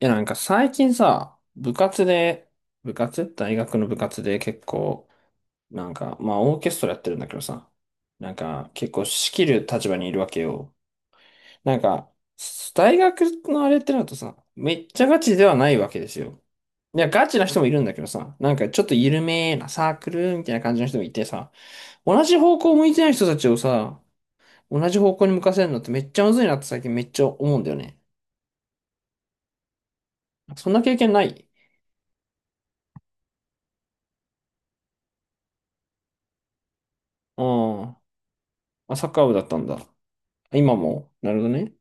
いや、なんか最近さ、部活で、部活大学の部活で結構、なんか、まあオーケストラやってるんだけどさ、なんか結構仕切る立場にいるわけよ。なんか、大学のあれってなるとさ、めっちゃガチではないわけですよ。いや、ガチな人もいるんだけどさ、なんかちょっと緩めなサークルみたいな感じの人もいてさ、同じ方向向いてない人たちをさ、同じ方向に向かせるのってめっちゃむずいなって最近めっちゃ思うんだよね。そんな経験ないうん。まあ、サッカー部だったんだ。今も。なるほどね。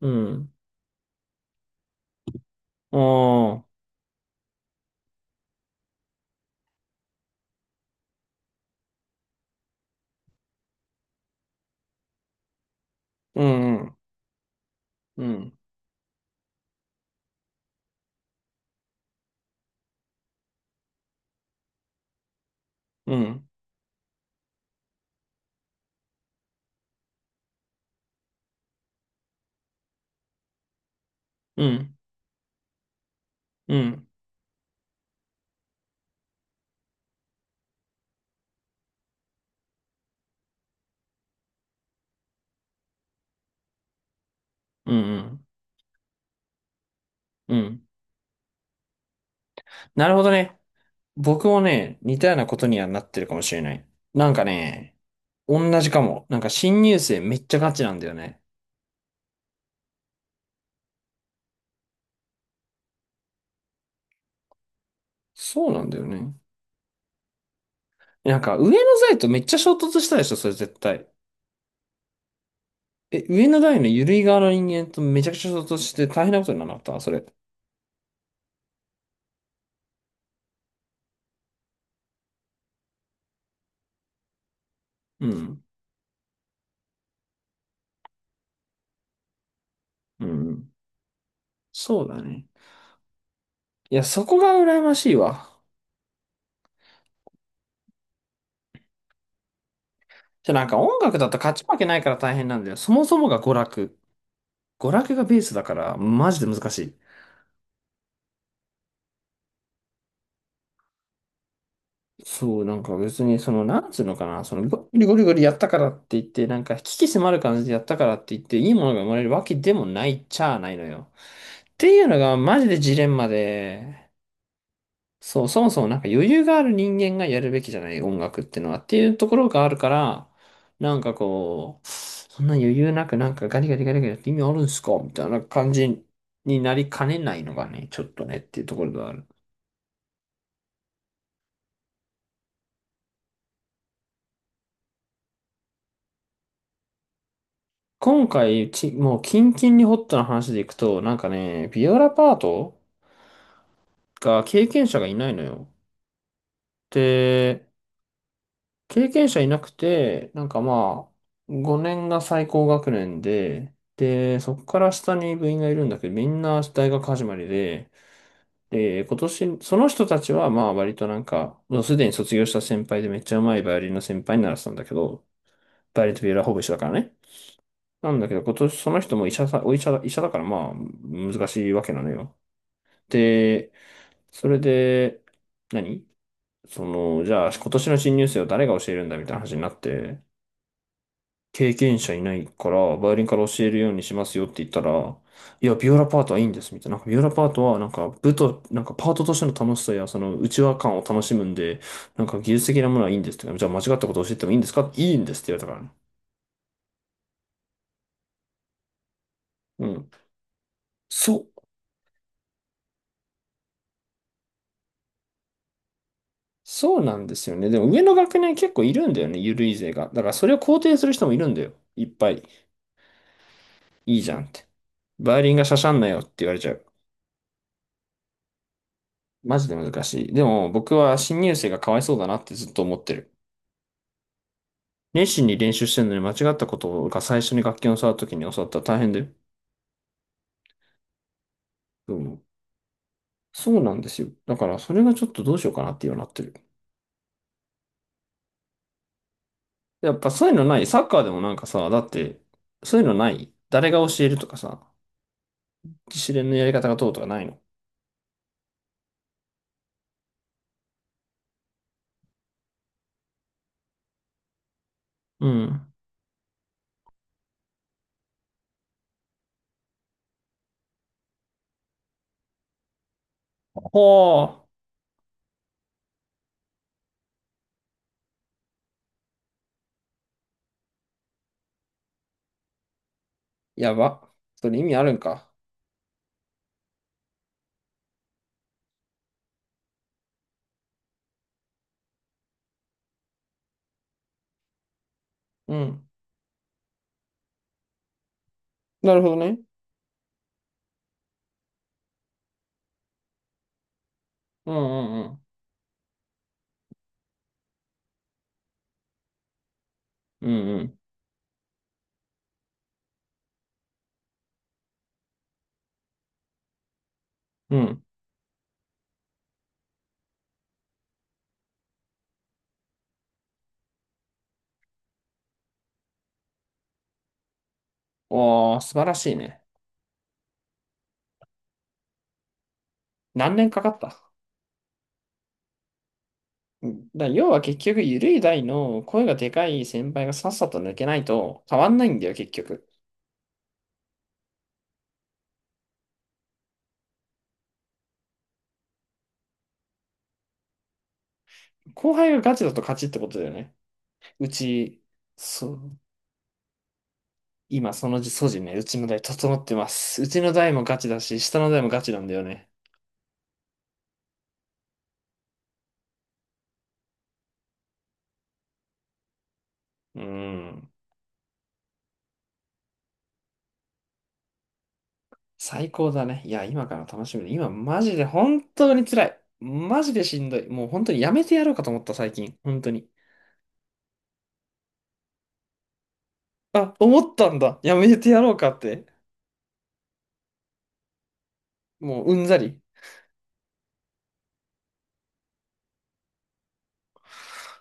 うん。ああ、うん、うん、うん、うん、うん、うん、うん。うんなるほどね。僕もね、似たようなことにはなってるかもしれない。なんかね、同じかも。なんか新入生めっちゃガチなんだよね。そうなんだよね。なんか上の代とめっちゃ衝突したでしょ、それ絶対。え、上の代の緩い側の人間とめちゃくちゃ衝突して大変なことになった、それ。うん。うん。そうだね。いや、そこが羨ましいわ。じゃなんか音楽だと勝ち負けないから大変なんだよ。そもそもが娯楽。娯楽がベースだから、マジで難しい。そう、なんか別に、その、なんつうのかな、その、ゴリゴリゴリやったからって言って、なんか、鬼気迫る感じでやったからって言って、いいものが生まれるわけでもないっちゃあないのよ。っていうのが、マジでジレンマで、そう、そもそもなんか余裕がある人間がやるべきじゃない音楽ってのはっていうところがあるから、なんかこう、そんな余裕なくなんかガリガリガリガリやって意味あるんですかみたいな感じになりかねないのがね、ちょっとねっていうところがある。今回、もうキンキンにホットな話でいくと、なんかね、ビオラパートが経験者がいないのよ。で、経験者いなくて、なんかまあ、5年が最高学年で、で、そこから下に部員がいるんだけど、みんな大学始まりで、で、今年、その人たちはまあ割となんか、もうすでに卒業した先輩でめっちゃうまいバイオリンの先輩にならせたんだけど、バイオリンとビエラホほぼ一緒だからね。なんだけど、今年その人も医者さ、お医者だ、医者だからまあ、難しいわけなのよ。で、それで、何その、じゃあ今年の新入生を誰が教えるんだみたいな話になって、経験者いないから、バイオリンから教えるようにしますよって言ったら、いや、ビオラパートはいいんです、みたいな。なんかビオラパートは、なんか、部と、なんか、パートとしての楽しさや、その、内輪感を楽しむんで、なんか、技術的なものはいいんですとか、じゃあ、間違ったことを教えてもいいんですかいいんですって言われたからね。うん。そう。そうなんですよね。でも、上の学年結構いるんだよね、ゆるい勢が。だから、それを肯定する人もいるんだよ。いっぱい。いいじゃんって。バイオリンがしゃしゃんなよって言われちゃう。マジで難しい。でも、僕は新入生がかわいそうだなってずっと思ってる。熱心に練習してるのに間違ったことが最初に楽器を触るときに教わったら大変だよ。うん。そうなんですよ。だからそれがちょっとどうしようかなっていうようになってる。やっぱそういうのない。サッカーでもなんかさ、だって、そういうのない。誰が教えるとかさ、自主練のやり方がどうとかないの。うん。ほー。やば。それ意味あるんか。うん。なるほどね。うんうんうん。うんうん。うん。おー、素晴らしいね。何年かかっただ要は結局、ゆるい代の声がでかい先輩がさっさと抜けないと変わんないんだよ、結局。後輩がガチだと勝ちってことだよね。うち、そう、今その素地ね、うちの代整ってます。うちの代もガチだし、下の代もガチなんだよね。うん。最高だね。いや、今から楽しみだ。今、マジで本当に辛い。マジでしんどい。もう本当にやめてやろうかと思った、最近。本当に。あ、思ったんだ。やめてやろうかって。もううんざり。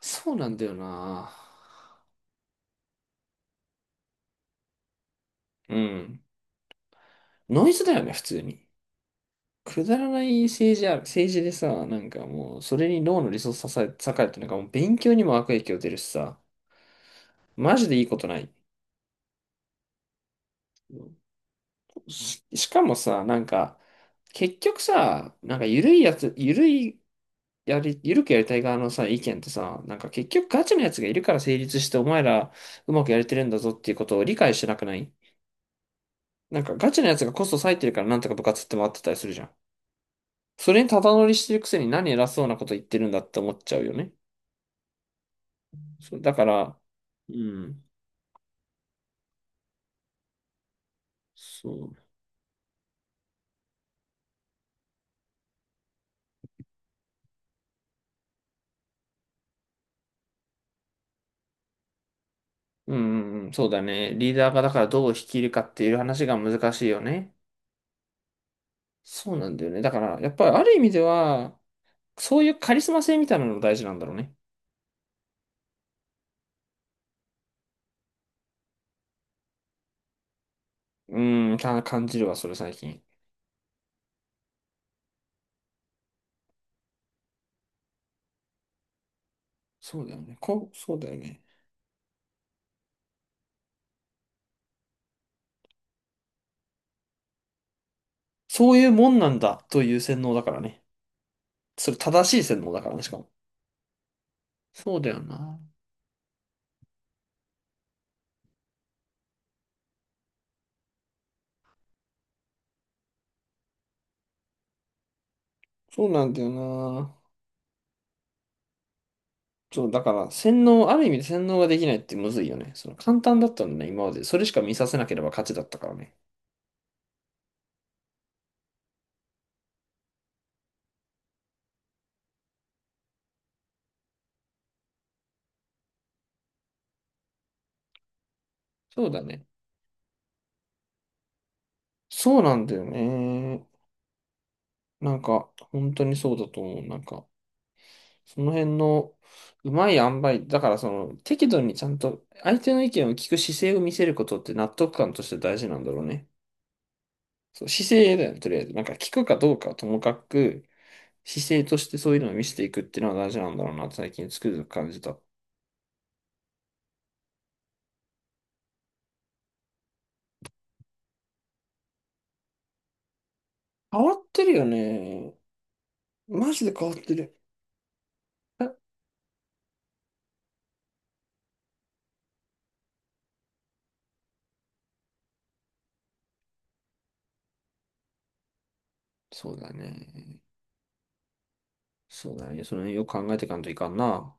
そうなんだよな。うん。ノイズだよね、普通に。くだらない政治でさ、なんかもう、それに脳のリソースささ割て、なんかもう勉強にも悪影響出るしさ、マジでいいことない。しかもさ、なんか、結局さ、なんか緩いやつ、緩い、やり、緩くやりたい側のさ、意見ってさ、なんか結局ガチのやつがいるから成立して、お前らうまくやれてるんだぞっていうことを理解してなくないなんかガチのやつがコスト割いてるからなんとか部活って回ってたりするじゃん。それにただ乗りしてるくせに何偉そうなこと言ってるんだって思っちゃうよね。そう、だから、うん、そう、うん、うん、うんそうだね。リーダーがだからどう率いるかっていう話が難しいよね。そうなんだよね。だから、やっぱりある意味では、そういうカリスマ性みたいなのも大事なんだろうね。うん、感じるわ、それ最近。そうだよね。こう、そうだよね。そういうもんなんだという洗脳だからね。それ正しい洗脳だからね、しかも。そうだよな。そうなんだよな。そう、だから洗脳、ある意味で洗脳ができないってむずいよね。その簡単だったんだね、今まで。それしか見させなければ勝ちだったからね。そうだね。そうなんだよね。なんか、本当にそうだと思う。なんか、その辺のうまい塩梅、だからその、適度にちゃんと相手の意見を聞く姿勢を見せることって納得感として大事なんだろうね。そう、姿勢だよね、とりあえず。なんか聞くかどうかはともかく、姿勢としてそういうのを見せていくっていうのは大事なんだろうな、最近つくづく感じた。変わってるよね。マジで変わってる。えそうだね。そうだね。その辺よく考えていかんといかんな。